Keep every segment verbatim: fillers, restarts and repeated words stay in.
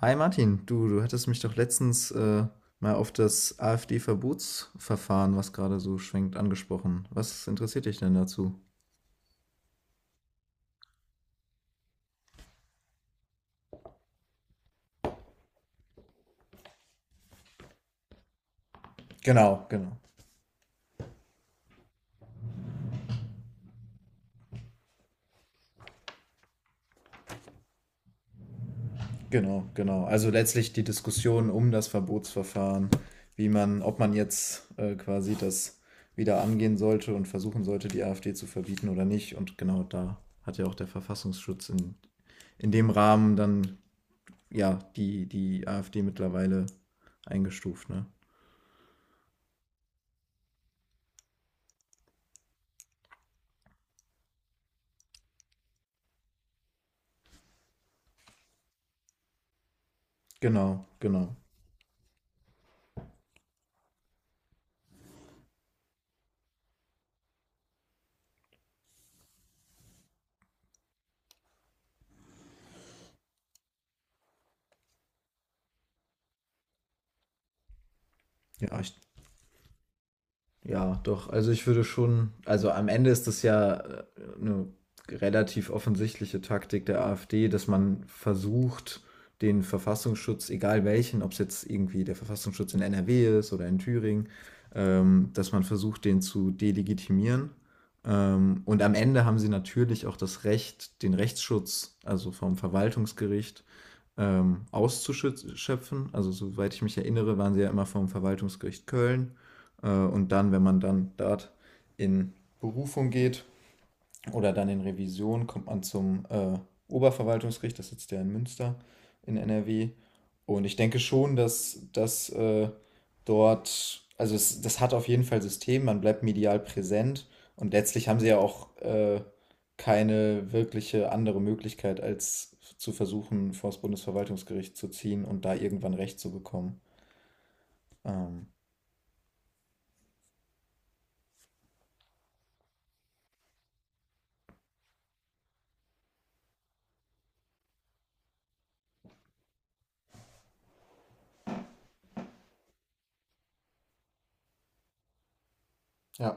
Hi Martin, du, du hattest mich doch letztens äh, mal auf das AfD-Verbotsverfahren, was gerade so schwenkt, angesprochen. Was interessiert dich denn dazu? Genau, genau, genau, genau. Also letztlich die Diskussion um das Verbotsverfahren, wie man, ob man jetzt äh, quasi das wieder angehen sollte und versuchen sollte, die AfD zu verbieten oder nicht. Und genau da hat ja auch der Verfassungsschutz in, in dem Rahmen dann ja die, die AfD mittlerweile eingestuft, ne? Genau, genau. Ja, ich, ja, doch. Also ich würde schon, also am Ende ist das ja äh, eine relativ offensichtliche Taktik der AfD, dass man versucht, den Verfassungsschutz, egal welchen, ob es jetzt irgendwie der Verfassungsschutz in N R W ist oder in Thüringen, ähm, dass man versucht, den zu delegitimieren. Ähm, und am Ende haben sie natürlich auch das Recht, den Rechtsschutz, also vom Verwaltungsgericht, ähm, auszuschöpfen. Also soweit ich mich erinnere, waren sie ja immer vom Verwaltungsgericht Köln. Äh, und dann, wenn man dann dort in Berufung geht oder dann in Revision, kommt man zum äh, Oberverwaltungsgericht, das sitzt ja in Münster in N R W. Und ich denke schon, dass das äh, dort, also es, das hat auf jeden Fall System, man bleibt medial präsent und letztlich haben sie ja auch äh, keine wirkliche andere Möglichkeit, als zu versuchen, vor das Bundesverwaltungsgericht zu ziehen und da irgendwann Recht zu bekommen. Ähm, ja.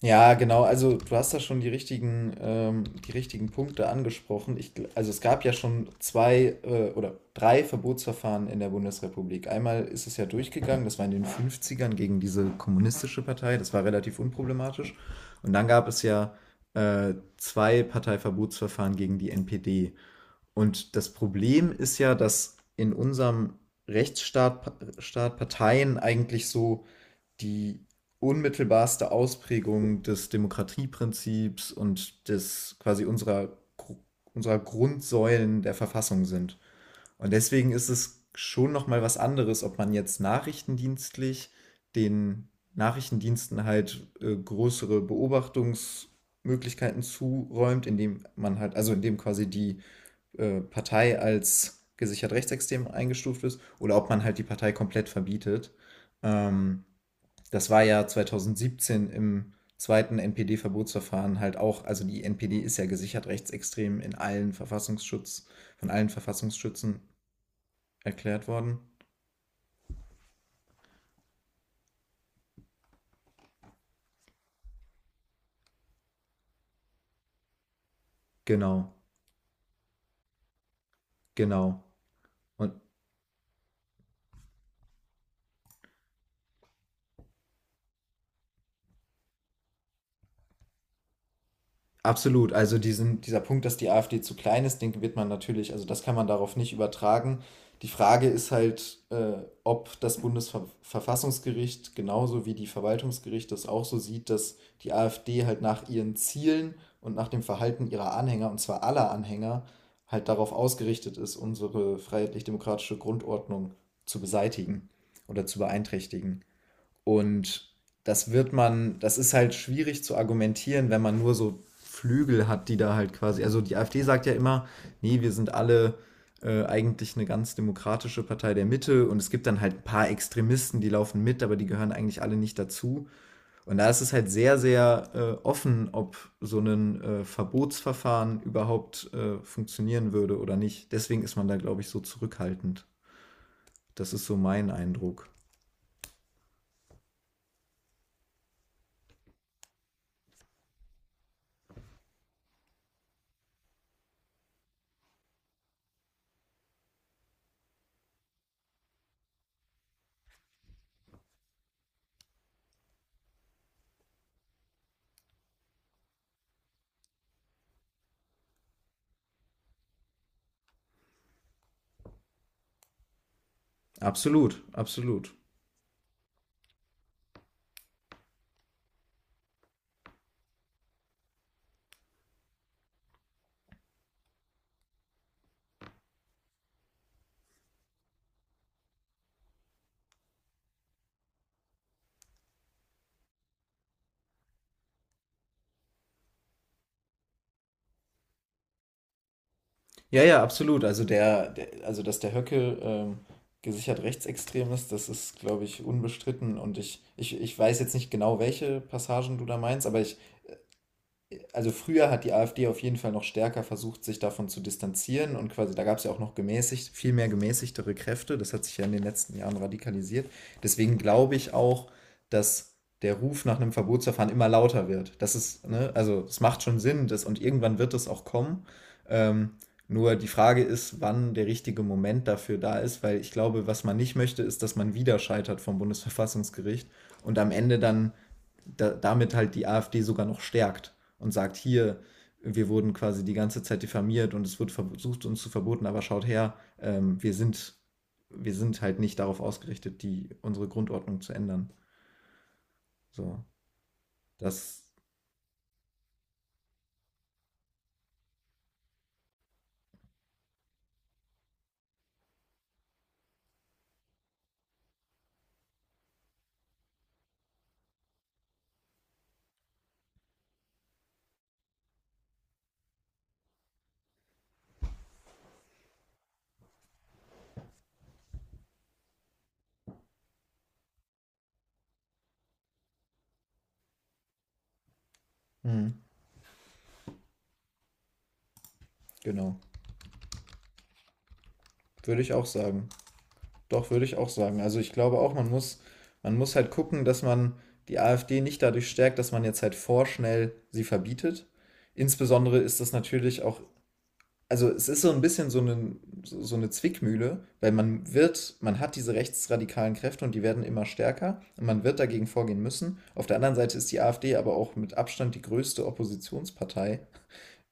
Ja, genau. Also du hast da schon die richtigen, ähm, die richtigen Punkte angesprochen. Ich, gl- also es gab ja schon zwei äh, oder drei Verbotsverfahren in der Bundesrepublik. Einmal ist es ja durchgegangen, das war in den Fünfzigern gegen diese kommunistische Partei, das war relativ unproblematisch. Und dann gab es ja äh, zwei Parteiverbotsverfahren gegen die N P D. Und das Problem ist ja, dass in unserem Rechtsstaat Pa- Staat Parteien eigentlich so die unmittelbarste Ausprägung des Demokratieprinzips und des quasi unserer, Gru- unserer Grundsäulen der Verfassung sind. Und deswegen ist es schon nochmal was anderes, ob man jetzt nachrichtendienstlich den Nachrichtendiensten halt äh, größere Beobachtungsmöglichkeiten zuräumt, indem man halt, also indem quasi die äh, Partei als gesichert rechtsextrem eingestuft ist, oder ob man halt die Partei komplett verbietet. Ähm, das war ja zweitausendsiebzehn im zweiten N P D-Verbotsverfahren halt auch, also die N P D ist ja gesichert rechtsextrem in allen Verfassungsschutz, von allen Verfassungsschützen erklärt worden. Genau, genau. Und absolut. Also diesen, dieser Punkt, dass die AfD zu klein ist, den wird man natürlich, also das kann man darauf nicht übertragen. Die Frage ist halt, äh, ob das Bundesverfassungsgericht genauso wie die Verwaltungsgerichte es auch so sieht, dass die AfD halt nach ihren Zielen und nach dem Verhalten ihrer Anhänger, und zwar aller Anhänger, halt darauf ausgerichtet ist, unsere freiheitlich-demokratische Grundordnung zu beseitigen oder zu beeinträchtigen. Und das wird man, das ist halt schwierig zu argumentieren, wenn man nur so Flügel hat, die da halt quasi, also die AfD sagt ja immer, nee, wir sind alle äh, eigentlich eine ganz demokratische Partei der Mitte und es gibt dann halt ein paar Extremisten, die laufen mit, aber die gehören eigentlich alle nicht dazu. Und da ist es halt sehr, sehr äh, offen, ob so ein äh, Verbotsverfahren überhaupt äh, funktionieren würde oder nicht. Deswegen ist man da, glaube ich, so zurückhaltend. Das ist so mein Eindruck. Absolut, absolut. Ja, ja, absolut. Also der, der also dass der Höcke ähm, gesichert rechtsextrem ist, das ist, glaube ich, unbestritten. Und ich, ich, ich weiß jetzt nicht genau, welche Passagen du da meinst, aber ich, also früher hat die AfD auf jeden Fall noch stärker versucht, sich davon zu distanzieren und quasi, da gab es ja auch noch gemäßigt, viel mehr gemäßigtere Kräfte. Das hat sich ja in den letzten Jahren radikalisiert. Deswegen glaube ich auch, dass der Ruf nach einem Verbotsverfahren immer lauter wird. Das ist, ne, also es macht schon Sinn, das, und irgendwann wird es auch kommen. Ähm, nur die Frage ist, wann der richtige Moment dafür da ist, weil ich glaube, was man nicht möchte, ist, dass man wieder scheitert vom Bundesverfassungsgericht und am Ende dann da, damit halt die AfD sogar noch stärkt und sagt, hier, wir wurden quasi die ganze Zeit diffamiert und es wird versucht, uns zu verboten, aber schaut her, ähm, wir sind, wir sind halt nicht darauf ausgerichtet, die, unsere Grundordnung zu ändern. So, das, mh, genau. Würde ich auch sagen. Doch, würde ich auch sagen. Also ich glaube auch, man muss, man muss halt gucken, dass man die AfD nicht dadurch stärkt, dass man jetzt halt vorschnell sie verbietet. Insbesondere ist das natürlich auch, also es ist so ein bisschen so eine, so so eine Zwickmühle, weil man wird, man hat diese rechtsradikalen Kräfte und die werden immer stärker und man wird dagegen vorgehen müssen. Auf der anderen Seite ist die AfD aber auch mit Abstand die größte Oppositionspartei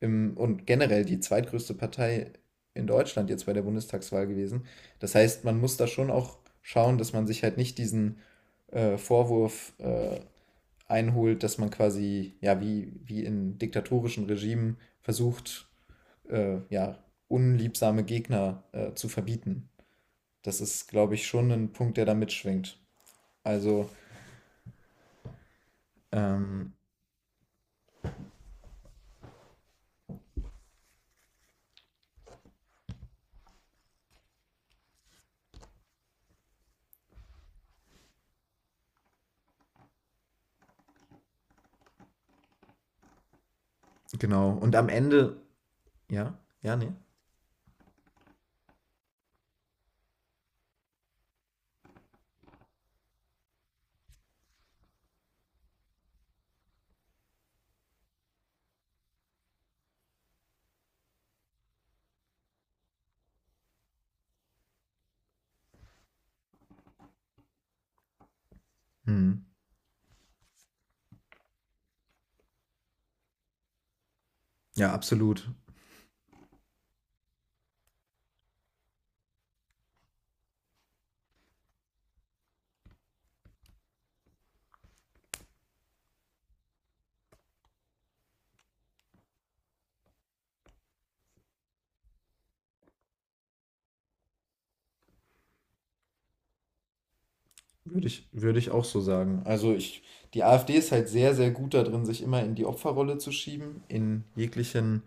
im, und generell die zweitgrößte Partei in Deutschland jetzt bei der Bundestagswahl gewesen. Das heißt, man muss da schon auch schauen, dass man sich halt nicht diesen äh, Vorwurf äh, einholt, dass man quasi, ja, wie, wie in diktatorischen Regimen versucht, äh, ja, unliebsame Gegner äh, zu verbieten. Das ist, glaube ich, schon ein Punkt, der da mitschwingt. Also, ähm, genau. Und am Ende, ja, ja, nee. Hm. Ja, absolut. Würde ich, würde ich auch so sagen. Also ich, die AfD ist halt sehr, sehr gut da drin, sich immer in die Opferrolle zu schieben, in jeglichen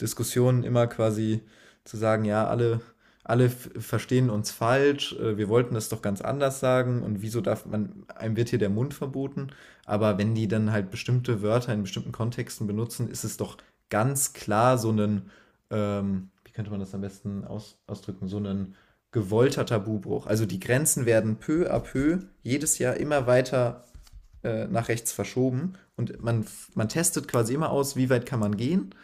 Diskussionen immer quasi zu sagen, ja, alle, alle f- verstehen uns falsch, äh, wir wollten das doch ganz anders sagen und wieso darf man, einem wird hier der Mund verboten, aber wenn die dann halt bestimmte Wörter in bestimmten Kontexten benutzen, ist es doch ganz klar so einen, ähm, wie könnte man das am besten aus, ausdrücken, so einen gewollter Tabubruch. Also die Grenzen werden peu à peu jedes Jahr immer weiter äh, nach rechts verschoben und man, man testet quasi immer aus, wie weit kann man gehen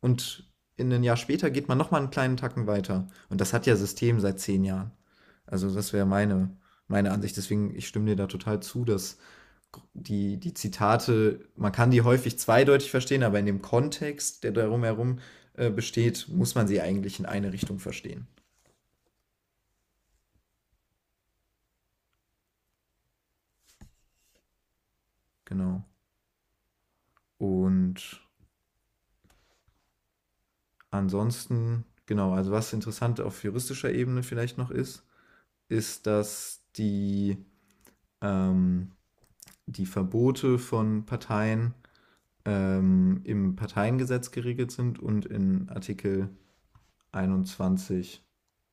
und in ein Jahr später geht man nochmal einen kleinen Tacken weiter. Und das hat ja System seit zehn Jahren. Also das wäre meine, meine Ansicht. Deswegen, ich stimme dir da total zu, dass die, die Zitate, man kann die häufig zweideutig verstehen, aber in dem Kontext, der darum herum äh, besteht, muss man sie eigentlich in eine Richtung verstehen. Genau. Und ansonsten, genau, also was interessant auf juristischer Ebene vielleicht noch ist, ist, dass die, ähm, die Verbote von Parteien ähm, im Parteiengesetz geregelt sind und in Artikel einundzwanzig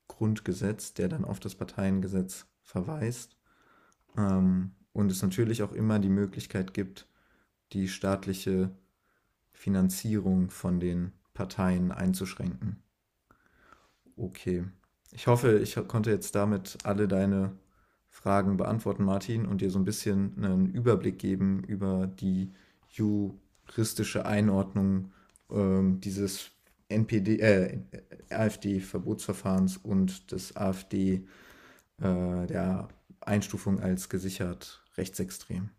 Grundgesetz, der dann auf das Parteiengesetz verweist. Ähm, und es natürlich auch immer die Möglichkeit gibt, die staatliche Finanzierung von den Parteien einzuschränken. Okay. Ich hoffe, ich ho- konnte jetzt damit alle deine Fragen beantworten, Martin, und dir so ein bisschen einen Überblick geben über die juristische Einordnung ähm, dieses N P D, äh, AfD-Verbotsverfahrens und des AfD, äh, der Einstufung als gesichert rechtsextrem.